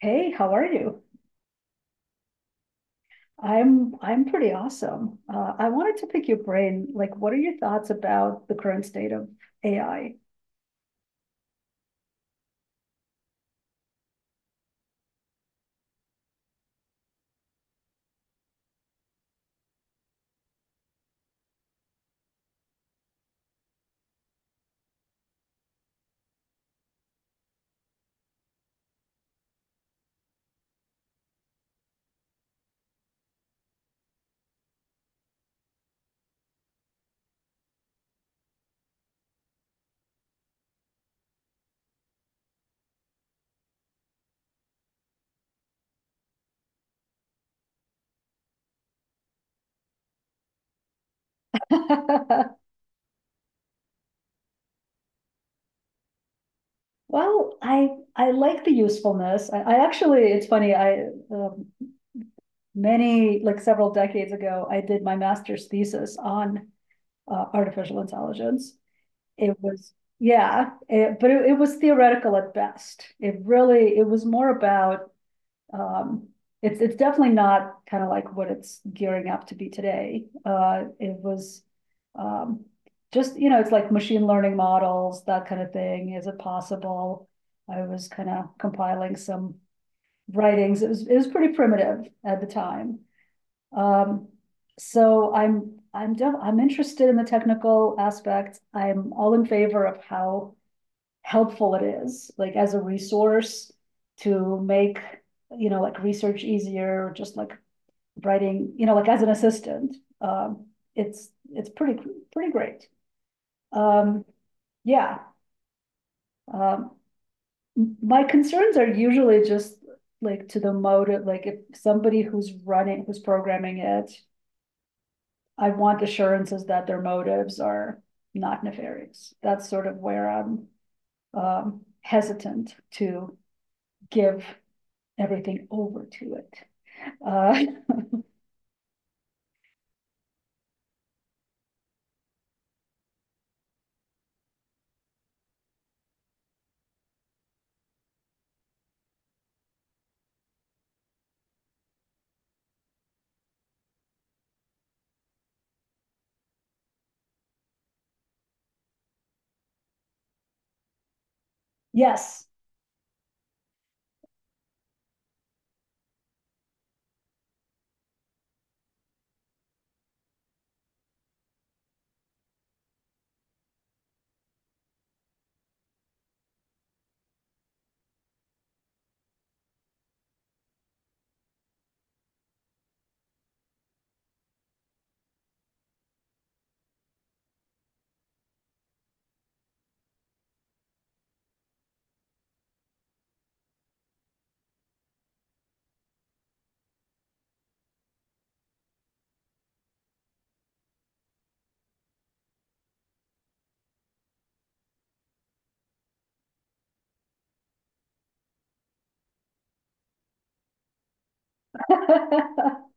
Hey, how are you? I'm pretty awesome. I wanted to pick your brain. Like, what are your thoughts about the current state of AI? Well, I like the usefulness. I actually, it's funny. I Many, like, several decades ago, I did my master's thesis on artificial intelligence. It was Yeah, but it was theoretical at best. It was more about. Um, it's definitely not kind of like what it's gearing up to be today. It was, um, just, you know, it's like machine learning models, that kind of thing. Is it possible? I was kind of compiling some writings. It was pretty primitive at the time. Um, so I'm interested in the technical aspects. I'm all in favor of how helpful it is, like as a resource to make, you know, like research easier, or just like writing, you know, like as an assistant. It's pretty great. Um, yeah. Um, my concerns are usually just like to the motive, like if somebody who's running, who's programming it, I want assurances that their motives are not nefarious. That's sort of where I'm hesitant to give everything over to it. Uh, yes. Right.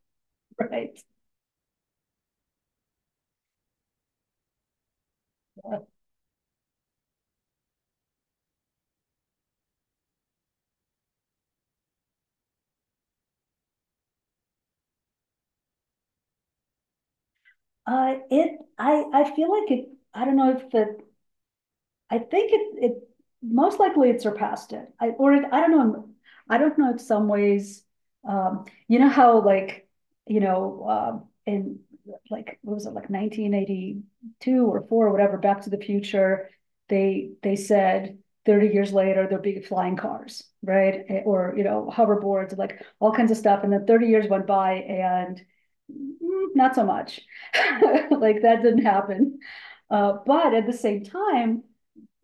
Uh, it. I. I feel like it. I don't know if the I think it it most likely it surpassed it. I don't know. I don't know if some ways, you know how, like, in, like, what was it, like 1982 or four or whatever, Back to the Future, they said 30 years later there'll be flying cars, right? Eh, or hoverboards, like all kinds of stuff, and then 30 years went by and not so much. Like that didn't happen. But at the same time,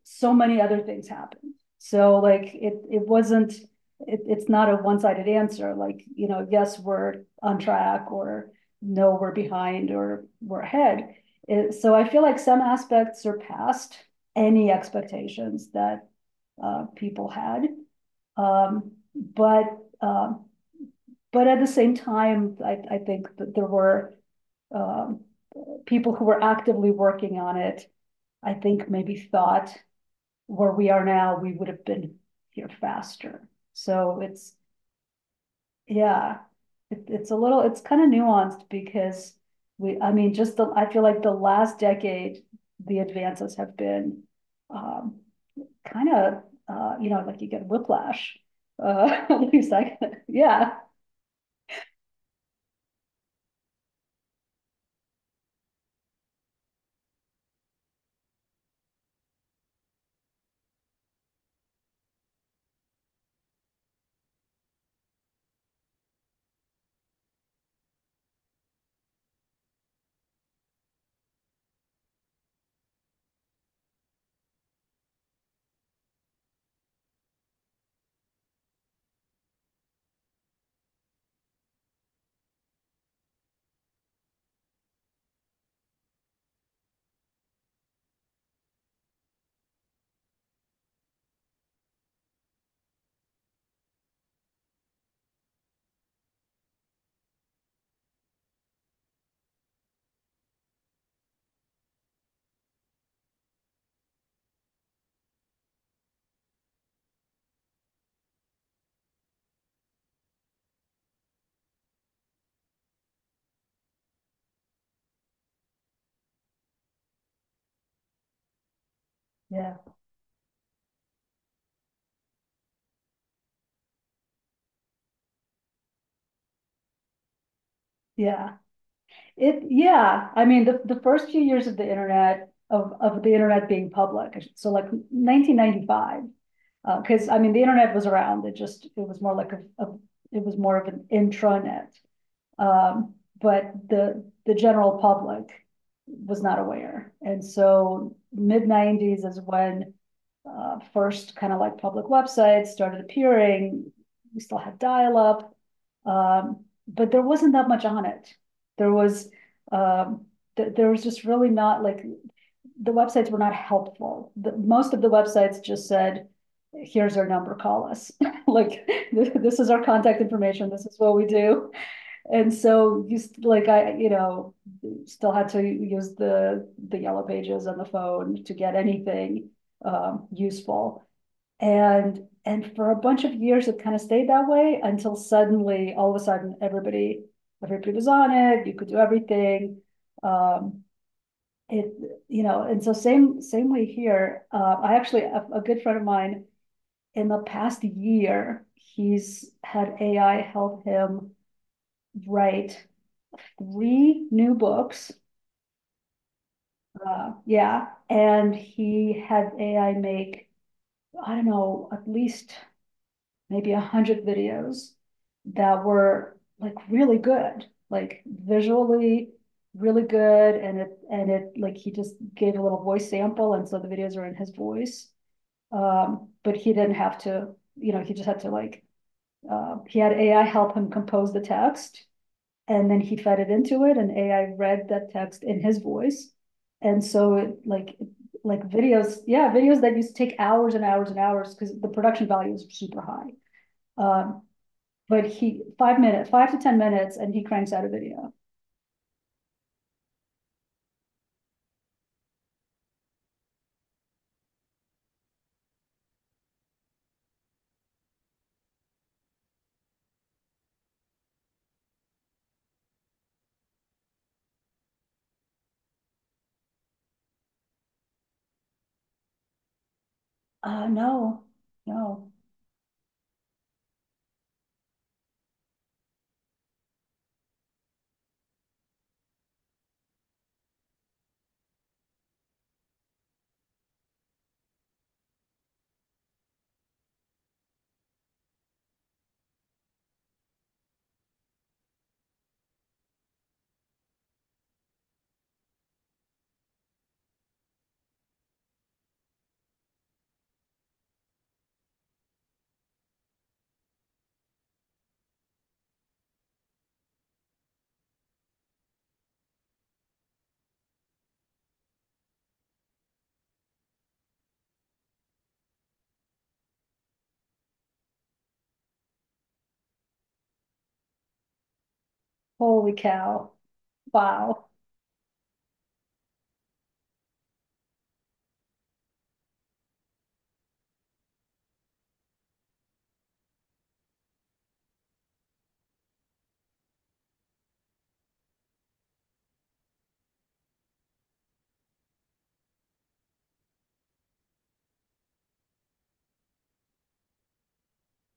so many other things happened. So, like, it wasn't, it's not a one-sided answer, like, you know, yes we're on track, or no we're behind, or we're ahead. So I feel like some aspects surpassed any expectations that people had. Um, but uh, but at the same time, I think that there were um, people who were actively working on it. I think maybe thought where we are now, we would have been here faster. So it's, yeah. It's a little, it's kind of nuanced because, I mean, just I feel like the last decade, the advances have been um, kind of, like you get whiplash. At least yeah, yeah, yeah. Yeah. I mean, the first few years of the internet, of the internet being public, so like 1995. Because cause I mean, the internet was around, it was more like it was more of an intranet. Um, but the general public was not aware. And so mid 90s is when first kind of like public websites started appearing. We still had dial up, but there wasn't that much on it. There was, um, there was just really not, like, the websites were not helpful. Most of the websites just said, "Here's our number, call us." Like, this is our contact information. This is what we do. And so like, still had to use the yellow pages on the phone to get anything useful. And for a bunch of years it kind of stayed that way, until suddenly, all of a sudden, everybody was on it. You could do everything. Um, it, and so same way here. I actually, a good friend of mine, in the past year, he's had AI help him write three new books. Yeah, and he had AI make, I don't know, at least maybe 100 videos that were like really good, like visually really good, and it like he just gave a little voice sample, and so the videos are in his voice. But he didn't have to, you know, he just had to, like, he had AI help him compose the text. And then he fed it into it and AI read that text in his voice. And so like videos, yeah, videos that used to take hours and hours and hours, because the production value is super high. Um, but he, 5 minutes, 5 to 10 minutes, and he cranks out a video. No, no. Holy cow. Wow.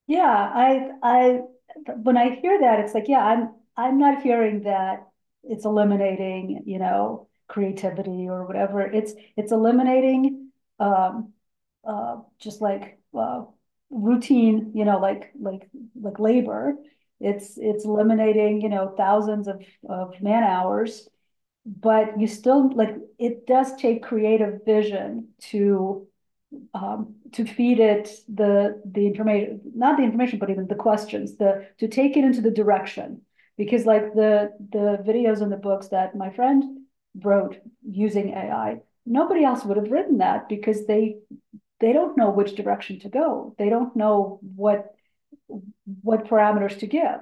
Yeah, I when I hear that, it's like, yeah, I'm not hearing that it's eliminating, you know, creativity or whatever. It's eliminating um just like routine, you know, like, like labor. It's eliminating, you know, thousands of man hours, but you still, like, it does take creative vision to feed it the information, not the information, but even the questions, the to take it into the direction. Because, like, the videos and the books that my friend wrote using AI, nobody else would have written that, because they don't know which direction to go. They don't know what parameters to give.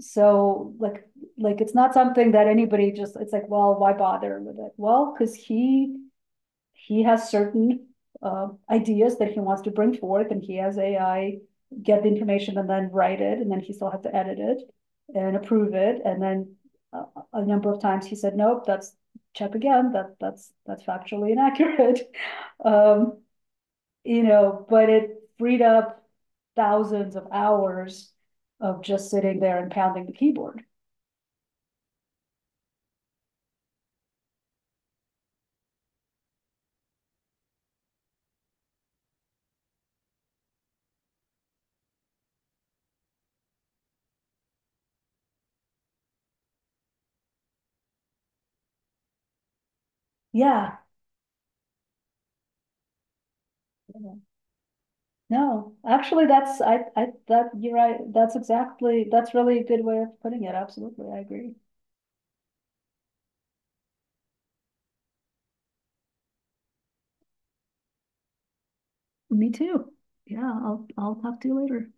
So, like it's not something that anybody, just it's like, well, why bother with it? Well, because he has certain ideas that he wants to bring forth, and he has AI get the information and then write it, and then he still has to edit it and approve it, and then uh, a number of times he said, "Nope, that's, check again. That's factually inaccurate." um, but it freed up thousands of hours of just sitting there and pounding the keyboard. Yeah. No, actually, that's I that you're right. That's exactly. That's really a good way of putting it. Absolutely, I agree. Me too. Yeah, I'll talk to you later.